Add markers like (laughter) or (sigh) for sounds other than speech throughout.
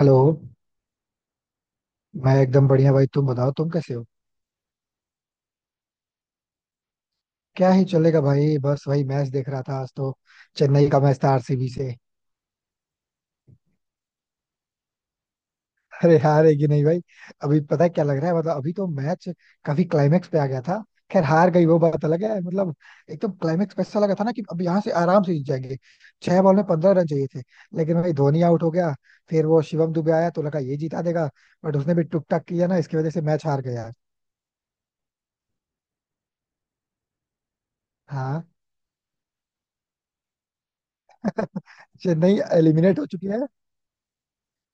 Hello. मैं एकदम बढ़िया भाई, तुम बताओ तुम कैसे हो। क्या ही चलेगा भाई, बस वही मैच देख रहा था आज तो। चेन्नई का मैच था आरसीबी से। (laughs) अरे हार है कि नहीं भाई। अभी पता है क्या लग रहा है, मतलब अभी तो मैच काफी क्लाइमेक्स पे आ गया था। खैर हार गई वो बात अलग है, मतलब एकदम क्लाइमेक्स पे ऐसा लगा था ना कि अब यहाँ से आराम से जीत जाएंगे। छह बॉल में 15 रन चाहिए थे, लेकिन भाई धोनी आउट हो गया। फिर वो शिवम दुबे आया तो लगा ये जिता देगा, बट उसने भी टुक टाक किया ना, इसकी वजह से मैच हार गया। हाँ, चेन्नई एलिमिनेट हो चुकी है।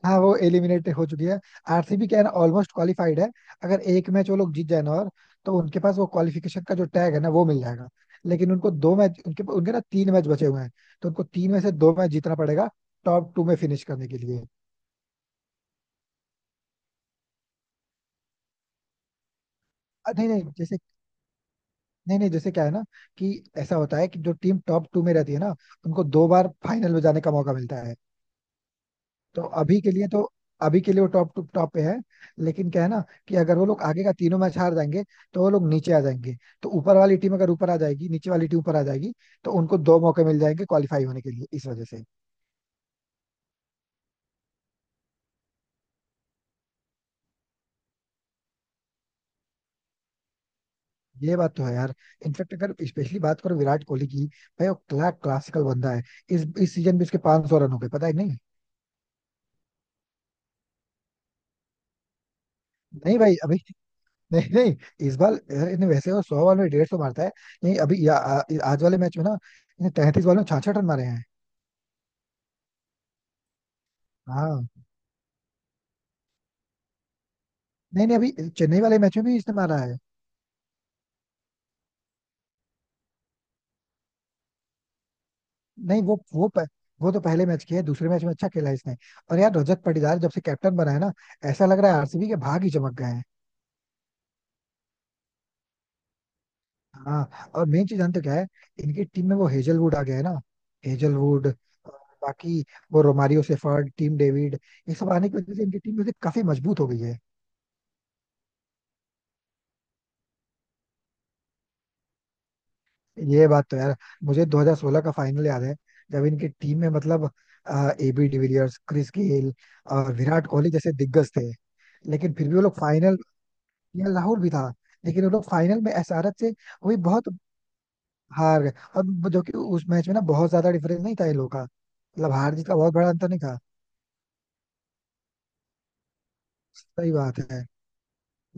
हाँ वो एलिमिनेट हो चुकी है। आरसीबी क्या है ना, ऑलमोस्ट क्वालिफाइड है। अगर एक मैच वो लोग जीत जाए ना और, तो उनके पास वो क्वालिफिकेशन का जो टैग है ना वो मिल जाएगा। लेकिन उनको दो मैच उनके उनके ना तीन मैच बचे हुए हैं। तो उनको तीन में से दो मैच जीतना पड़ेगा, टॉप टू में फिनिश करने के लिए। नहीं नहीं जैसे, नहीं नहीं जैसे क्या है ना कि ऐसा होता है कि जो टीम टॉप टू में रहती है ना, उनको दो बार फाइनल में जाने का मौका मिलता है। तो अभी के लिए तो, अभी के लिए वो टॉप टू टॉप पे है। लेकिन क्या है ना कि अगर वो लोग आगे का तीनों मैच हार जाएंगे, तो वो लोग नीचे आ जाएंगे। तो ऊपर वाली टीम अगर ऊपर आ जाएगी, नीचे वाली टीम ऊपर आ जाएगी, तो उनको दो मौके मिल जाएंगे क्वालिफाई होने के लिए, इस वजह से। ये बात तो है यार। इनफेक्ट अगर स्पेशली बात करो विराट कोहली की, भाई वो क्लासिकल बंदा है। इस सीजन भी उसके 500 सौ रन हो गए, पता है कि नहीं। नहीं भाई अभी (laughs) नहीं नहीं, इस बार यार इसने, वैसे वो सौ बॉल में डेढ़ सौ मारता है। नहीं अभी आज वाले मैच में ना इसने 33 बॉल में 66 रन मारे हैं। हाँ। नहीं नहीं अभी चेन्नई वाले मैच में भी इसने मारा है। नहीं वो तो पहले मैच किया है, दूसरे मैच में अच्छा खेला है इसने। और यार रजत पाटीदार जब से कैप्टन बना है ना, ऐसा लग रहा है आरसीबी के भाग ही चमक गए हैं। हाँ, और मेन चीज जानते हो क्या है। इनकी टीम में वो हेजलवुड आ गया है ना। हेजलवुड, बाकी वो रोमारियो सेफर्ड, टीम डेविड, ये सब आने की वजह से इनकी टीम में से काफी मजबूत हो गई है। ये बात तो यार, मुझे 2016 का फाइनल याद है, जब इनकी टीम में मतलब एबी डिविलियर्स, क्रिस गेल और विराट कोहली जैसे दिग्गज थे। लेकिन फिर भी वो लोग फाइनल, लाहौर भी था, लेकिन वो लोग फाइनल में एसआरएच से, वही बहुत, हार गए। और वो- जो कि उस मैच में ना बहुत ज्यादा डिफरेंस नहीं था इन लोगों का, मतलब हार जीत का बहुत बड़ा अंतर नहीं था। सही बात है।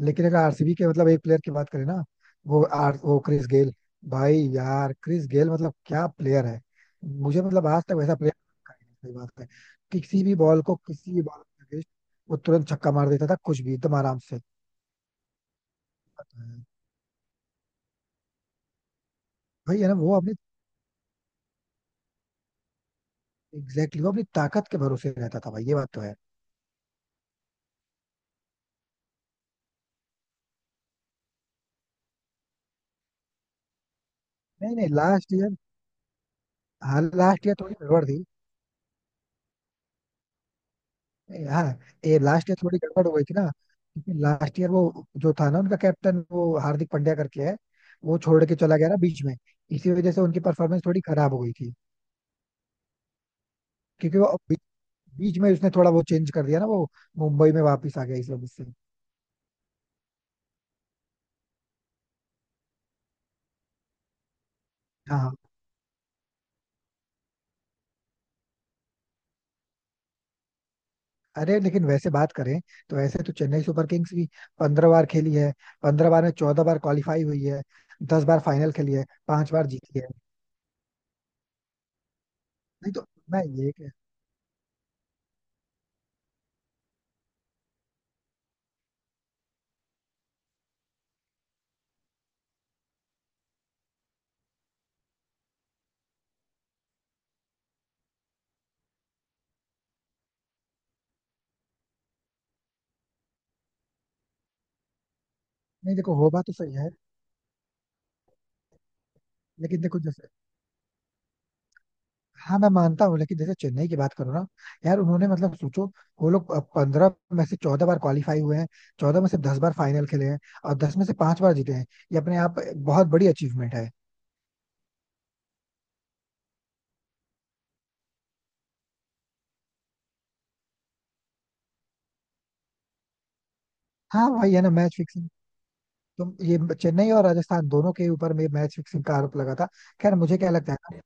लेकिन अगर आरसीबी के मतलब एक प्लेयर की बात करें ना, वो क्रिस गेल। भाई यार क्रिस गेल मतलब क्या प्लेयर है। मुझे मतलब आज तक वैसा प्लेयर। सही बात है। किसी भी बॉल को, किसी भी बॉल के अगेंस्ट, वो तुरंत छक्का मार देता था, कुछ भी एकदम आराम से। भाई है ना वो अपनी, एग्जैक्टली exactly, वो अपनी ताकत के भरोसे रहता था भाई, ये बात तो है। नहीं नहीं, लास्ट ईयर। हाँ लास्ट ईयर थोड़ी गड़बड़ थी। हाँ, ये लास्ट ईयर थोड़ी गड़बड़ हो गई थी ना, क्योंकि लास्ट ईयर वो जो था ना, उनका कैप्टन वो हार्दिक पांड्या करके है, वो छोड़ के चला गया ना बीच में। इसी वजह से उनकी परफॉर्मेंस थोड़ी खराब हो गई थी। क्योंकि बीच में उसने थोड़ा वो चेंज कर दिया ना, वो मुंबई में वापस आ गया, इस वजह से। हाँ हाँ। अरे लेकिन वैसे बात करें तो वैसे तो चेन्नई सुपर किंग्स भी 15 बार खेली है। 15 बार में 14 बार क्वालिफाई हुई है, 10 बार फाइनल खेली है, पांच बार जीती है। नहीं तो मैं ये कह- नहीं देखो, हो बात तो सही है। लेकिन देखो जैसे, हाँ मैं मानता हूँ, लेकिन जैसे चेन्नई की बात करो ना, यार उन्होंने मतलब सोचो, वो लोग 15 में से 14 बार क्वालिफाई हुए हैं, 14 में से 10 बार फाइनल खेले हैं, और 10 में से 5 बार जीते हैं। ये अपने आप बहुत बड़ी अचीवमेंट है। हाँ वही है ना मैच फिक्सिंग। तुम ये चेन्नई और राजस्थान दोनों के ऊपर में मैच फिक्सिंग का आरोप लगा था। खैर मुझे क्या लगता है ना,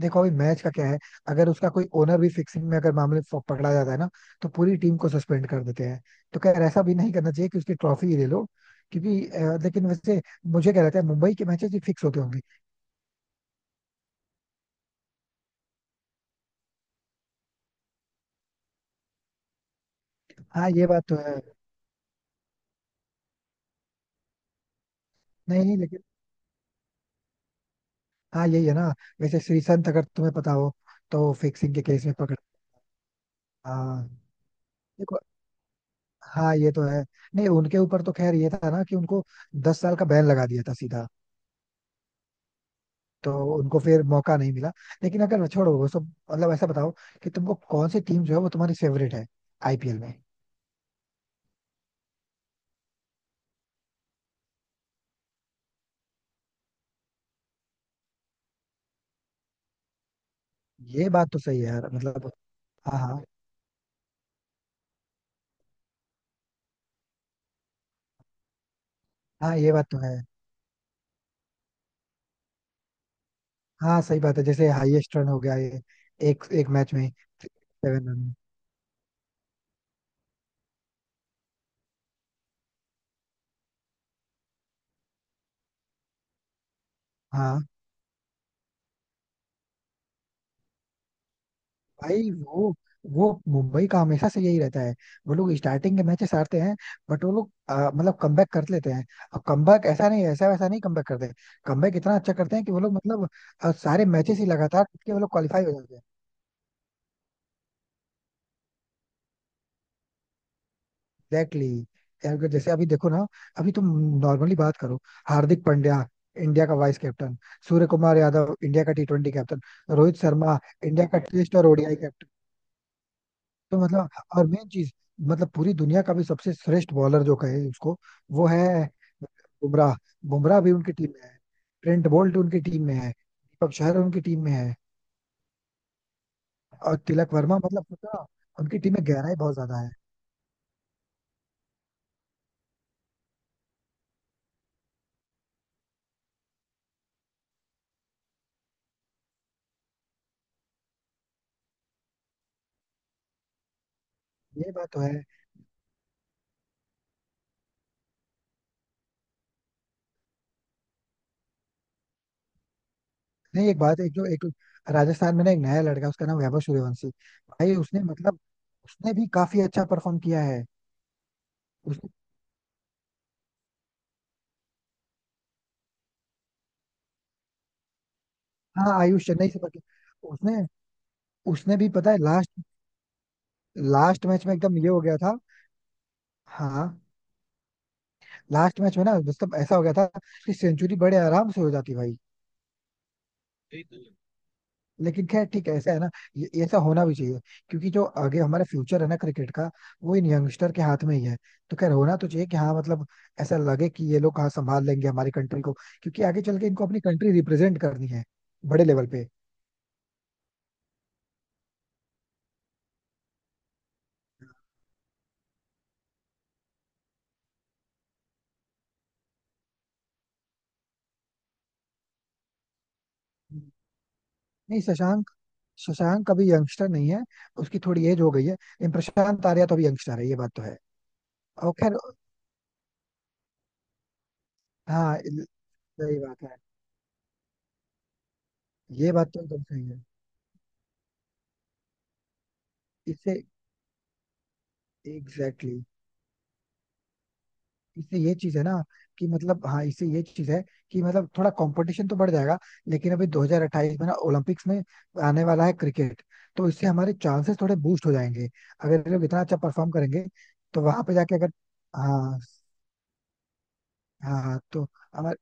देखो अभी मैच का क्या है। अगर उसका कोई ओनर भी फिक्सिंग में अगर मामले पकड़ा जाता है ना, तो पूरी टीम को सस्पेंड कर देते हैं। तो खैर ऐसा भी नहीं करना चाहिए कि उसकी ट्रॉफी ही ले लो, क्योंकि लेकिन वैसे मुझे क्या लगता है, मुंबई के मैचेस ही फिक्स होते होंगे। हाँ ये बात तो है। नहीं नहीं लेकिन, हाँ यही है ना। वैसे श्रीसंत अगर तुम्हें पता हो, तो फिक्सिंग के केस में पकड़। हाँ। देखो, हाँ ये तो है। नहीं उनके ऊपर तो खैर ये था ना कि उनको 10 साल का बैन लगा दिया था सीधा, तो उनको फिर मौका नहीं मिला। लेकिन अगर छोड़ो वो सब, मतलब ऐसा बताओ कि तुमको कौन सी टीम जो है वो तुम्हारी फेवरेट है, आईपीएल में। ये बात तो सही है यार, मतलब। हाँ हाँ हाँ। ये बात तो है। हाँ सही बात है, जैसे हाईएस्ट रन हो गया ये, एक एक मैच में, सेवन रन। हाँ भाई। वो मुंबई का हमेशा से यही रहता है, वो लोग स्टार्टिंग के मैचेस हारते हैं, बट वो लोग मतलब कमबैक कर लेते हैं। अब कमबैक ऐसा नहीं, ऐसा वैसा नहीं कमबैक करते, कमबैक इतना अच्छा करते हैं कि वो लोग मतलब, सारे मैचेस ही लगातार जीत के वो लोग क्वालिफाई हो जाते हैं। एग्जैक्टली। यार अगर जैसे अभी देखो ना, अभी तुम नॉर्मली बात करो, हार्दिक पांड्या, इंडिया का vice captain, Surya Kumar Yadav, India का T twenty captain, Rohit Sharma, India का टेस्ट और ओडीआई कैप्टन, तो मतलब, और मेन चीज, मतलब पूरी दुनिया का भी सबसे श्रेष्ठ बॉलर जो कहे उसको, वो है बुमराह। बुमराह भी उनकी टीम में है, ट्रेंट बोल्ट उनकी टीम में है, दीपक चहर उनकी टीम में है, और तिलक वर्मा, मतलब पता, उनकी टीम में गहराई बहुत ज्यादा है। ये बात तो है। नहीं एक बात, एक जो एक राजस्थान में ना एक नया लड़का है, उसका नाम वैभव सूर्यवंशी। भाई उसने मतलब, उसने भी काफी अच्छा परफॉर्म किया है। उसने, हाँ, आयुष चेन्नई से परफॉर्म उसने, उसने भी पता है, लास्ट, लास्ट मैच में एकदम ये हो गया था। हाँ लास्ट मैच में ना मतलब ऐसा हो गया था कि सेंचुरी बड़े आराम से हो जाती भाई। लेकिन खैर ठीक है, ऐसा है ना, ये ऐसा होना भी चाहिए, क्योंकि जो आगे हमारा फ्यूचर है ना क्रिकेट का, वो इन यंगस्टर के हाथ में ही है। तो खैर होना तो चाहिए, कि हाँ मतलब ऐसा लगे कि ये लोग हाँ संभाल लेंगे हमारी कंट्री को, क्योंकि आगे चल के इनको अपनी कंट्री रिप्रेजेंट करनी है, बड़े लेवल पे। नहीं शशांक, शशांक अभी यंगस्टर नहीं है, उसकी थोड़ी एज हो गई है, लेकिन प्रशांत आर्या तो अभी यंगस्टर है, ये बात तो है। और खैर, हाँ सही बात है। ये बात तो एकदम सही है। इससे, एग्जैक्टली, इससे ये चीज है ना कि मतलब, हाँ इससे ये चीज है कि मतलब थोड़ा कंपटीशन तो बढ़ जाएगा। लेकिन अभी 2028 में ना ओलंपिक्स में आने वाला है क्रिकेट, तो इससे हमारे चांसेस थोड़े बूस्ट हो जाएंगे। अगर ये लोग इतना अच्छा परफॉर्म करेंगे, तो वहां पे जाके अगर, हाँ, हाँ हाँ, तो हमारे,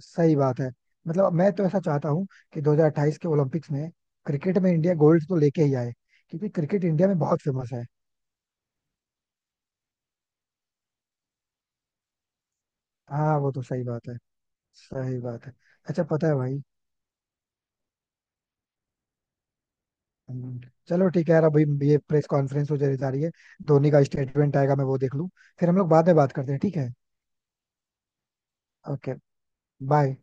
सही बात है। मतलब मैं तो ऐसा चाहता हूँ कि 2028 के ओलंपिक्स में क्रिकेट में इंडिया गोल्ड तो लेके ही आए, क्योंकि क्रिकेट इंडिया में बहुत फेमस है। हाँ वो तो सही बात है, सही बात है। अच्छा पता है भाई, हम्म, चलो ठीक है यार। अभी ये प्रेस कॉन्फ्रेंस हो जा रही है, धोनी का स्टेटमेंट आएगा, मैं वो देख लूँ, फिर हम लोग बाद में बात करते हैं, ठीक है। ओके। बाय।